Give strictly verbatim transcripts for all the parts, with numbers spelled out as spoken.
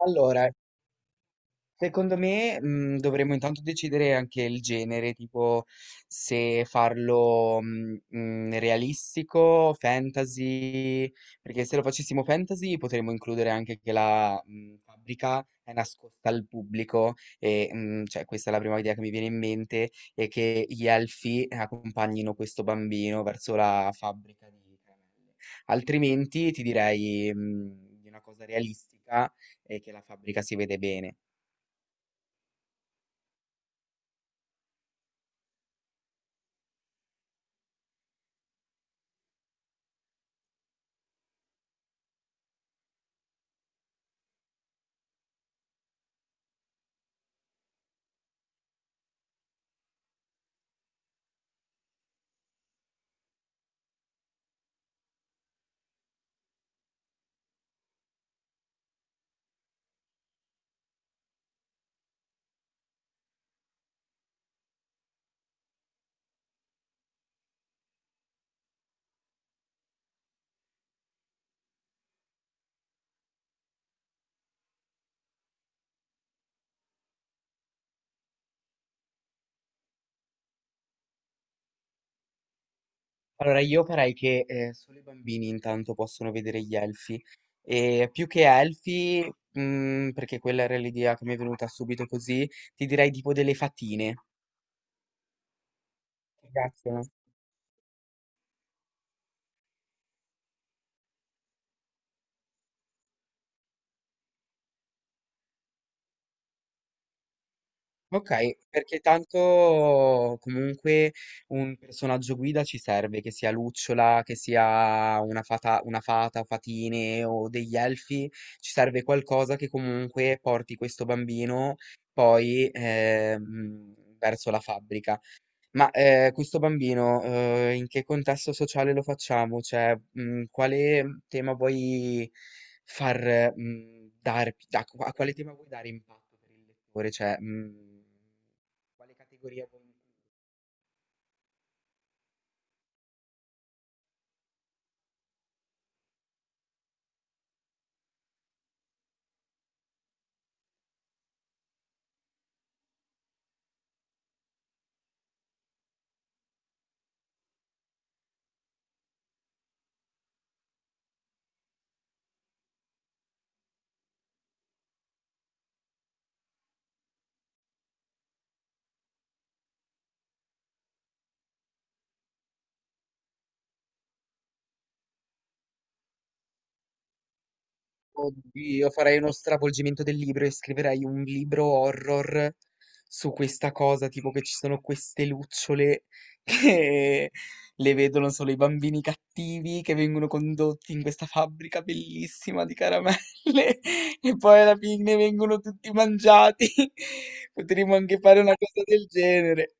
Allora, secondo me, mh, dovremmo intanto decidere anche il genere, tipo se farlo mh, mh, realistico, fantasy, perché se lo facessimo fantasy potremmo includere anche che la mh, fabbrica è nascosta al pubblico e mh, cioè, questa è la prima idea che mi viene in mente, e che gli elfi accompagnino questo bambino verso la fabbrica di caramelle. Altrimenti ti direi mh, di una cosa realistica e che la fabbrica si vede bene. Allora, io farei che eh, solo i bambini intanto possono vedere gli elfi. E più che elfi, mm, perché quella era l'idea che mi è venuta subito così, ti direi tipo delle fatine. Ti piacciono? Ok, perché tanto comunque un personaggio guida ci serve, che sia lucciola, che sia una fata, una fata, fatine o degli elfi, ci serve qualcosa che comunque porti questo bambino poi ehm, verso la fabbrica. Ma, ehm, questo bambino, uhm, in che contesto sociale lo facciamo? Cioè, mhmm, quale tema vuoi far mhmm, dar da q a quale tema vuoi dare impatto per il lettore? Cioè, mhmm, quale categoria vuoi includere? Oddio, farai uno stravolgimento del libro e scriverai un libro horror su questa cosa, tipo che ci sono queste lucciole che le vedono solo i bambini cattivi, che vengono condotti in questa fabbrica bellissima di caramelle e poi alla fine vengono tutti mangiati. Potremmo anche fare una cosa del genere.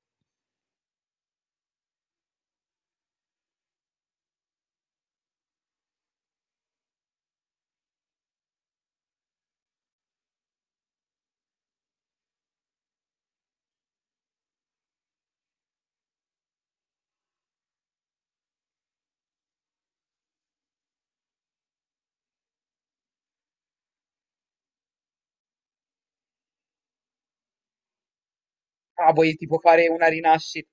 Ah, vuoi tipo fare una rinascita?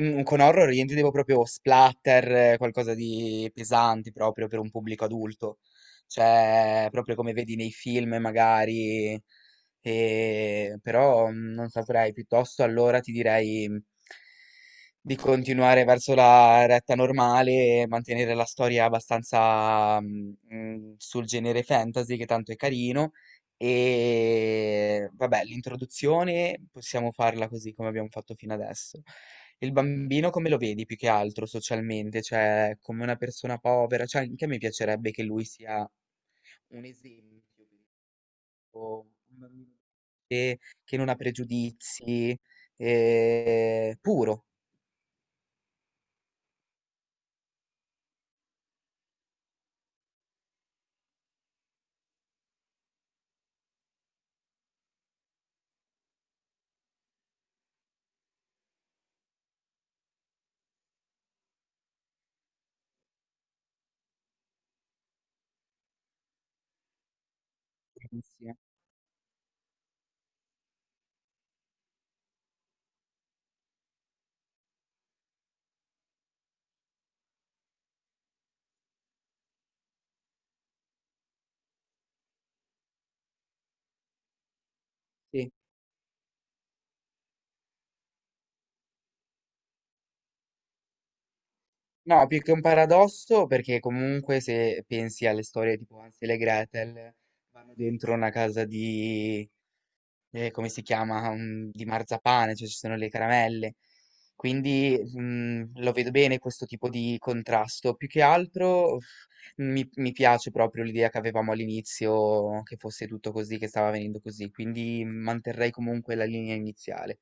Mm, con horror io intendevo proprio splatter, eh, qualcosa di pesante proprio per un pubblico adulto. Cioè, proprio come vedi nei film magari. E- Però mm, non saprei, piuttosto allora ti direi mm, di continuare verso la retta normale e mantenere la storia abbastanza mm, mm, sul genere fantasy, che tanto è carino. E vabbè, l'introduzione possiamo farla così come abbiamo fatto fino adesso. Il bambino come lo vedi più che altro socialmente? Cioè, come una persona povera? Cioè, anche a me piacerebbe che lui sia un esempio, o un bambino che non ha pregiudizi, eh, puro. Bravissima. Sì. No, più che un paradosso, perché comunque se pensi alle storie tipo Hansel e Gretel, vanno dentro una casa di, eh, come si chiama, mm, di marzapane, cioè ci sono le caramelle. Quindi mm, lo vedo bene questo tipo di contrasto. Più che altro uff, mi, mi piace proprio l'idea che avevamo all'inizio, che fosse tutto così, che stava venendo così. Quindi manterrei comunque la linea iniziale.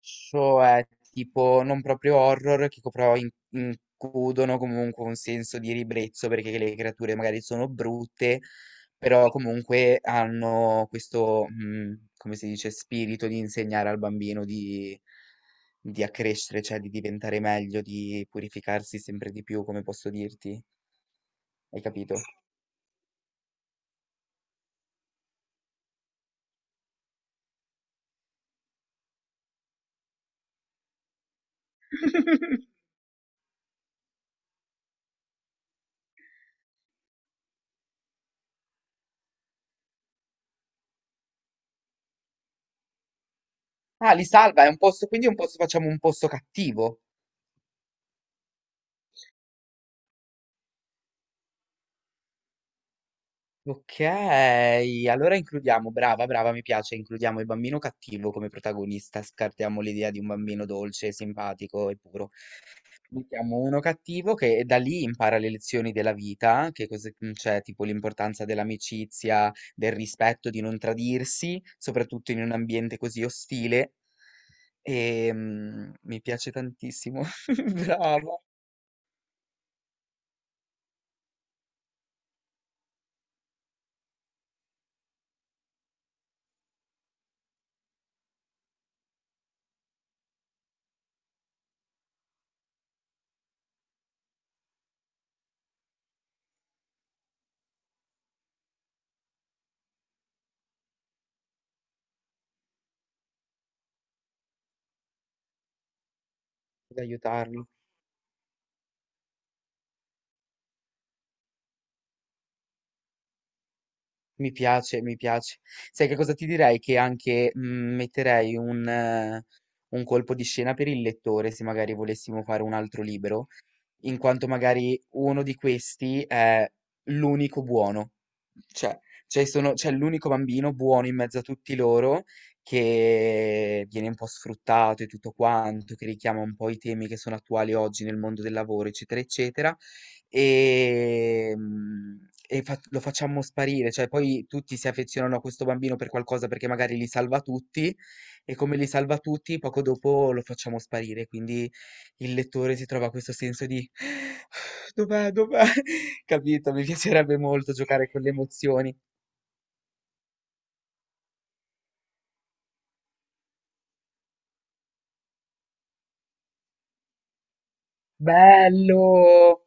Cioè, tipo, non proprio horror, che co- però in- includono comunque un senso di ribrezzo, perché le creature magari sono brutte, però comunque hanno questo, mm, come si dice, spirito di insegnare al bambino di, di accrescere, cioè di diventare meglio, di purificarsi sempre di più, come posso dirti? Hai capito? Ah, li salva, è un posto, quindi è un posto, facciamo un posto cattivo. Ok, allora includiamo, brava, brava, mi piace, includiamo il bambino cattivo come protagonista, scartiamo l'idea di un bambino dolce, simpatico e puro. Mettiamo uno cattivo che da lì impara le lezioni della vita, che cosa c'è, tipo l'importanza dell'amicizia, del rispetto, di non tradirsi, soprattutto in un ambiente così ostile. E mm, mi piace tantissimo, brava, ad aiutarlo. Mi piace, mi piace. Sai che cosa ti direi? Che anche mm, metterei un, eh, un colpo di scena per il lettore, se magari volessimo fare un altro libro in quanto magari uno di questi è l'unico buono, cioè, cioè sono- c'è l'unico bambino buono in mezzo a tutti loro, che viene un po' sfruttato e tutto quanto, che richiama un po' i temi che sono attuali oggi nel mondo del lavoro, eccetera, eccetera, e, mm, e fa- lo facciamo sparire, cioè poi tutti si affezionano a questo bambino per qualcosa perché magari li salva tutti, e come li salva tutti, poco dopo lo facciamo sparire, quindi il lettore si trova questo senso di dov'è, dov'è? Capito? Mi piacerebbe molto giocare con le emozioni. Bello!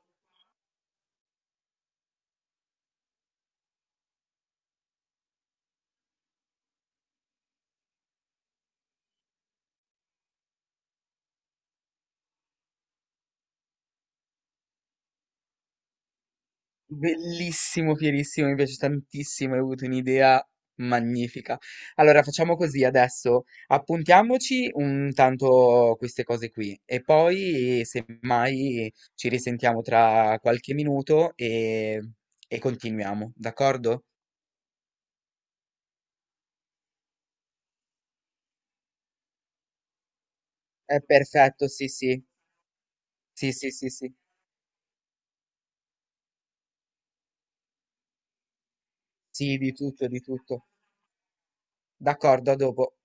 Bellissimo, fierissimo, mi piace tantissimo, hai avuto un'idea magnifica. Allora, facciamo così adesso, appuntiamoci un tanto queste cose qui e poi, semmai, ci risentiamo tra qualche minuto e, e continuiamo, d'accordo? È perfetto, sì, sì, sì, sì, sì, sì. Sì, di tutto, di tutto. D'accordo, a dopo.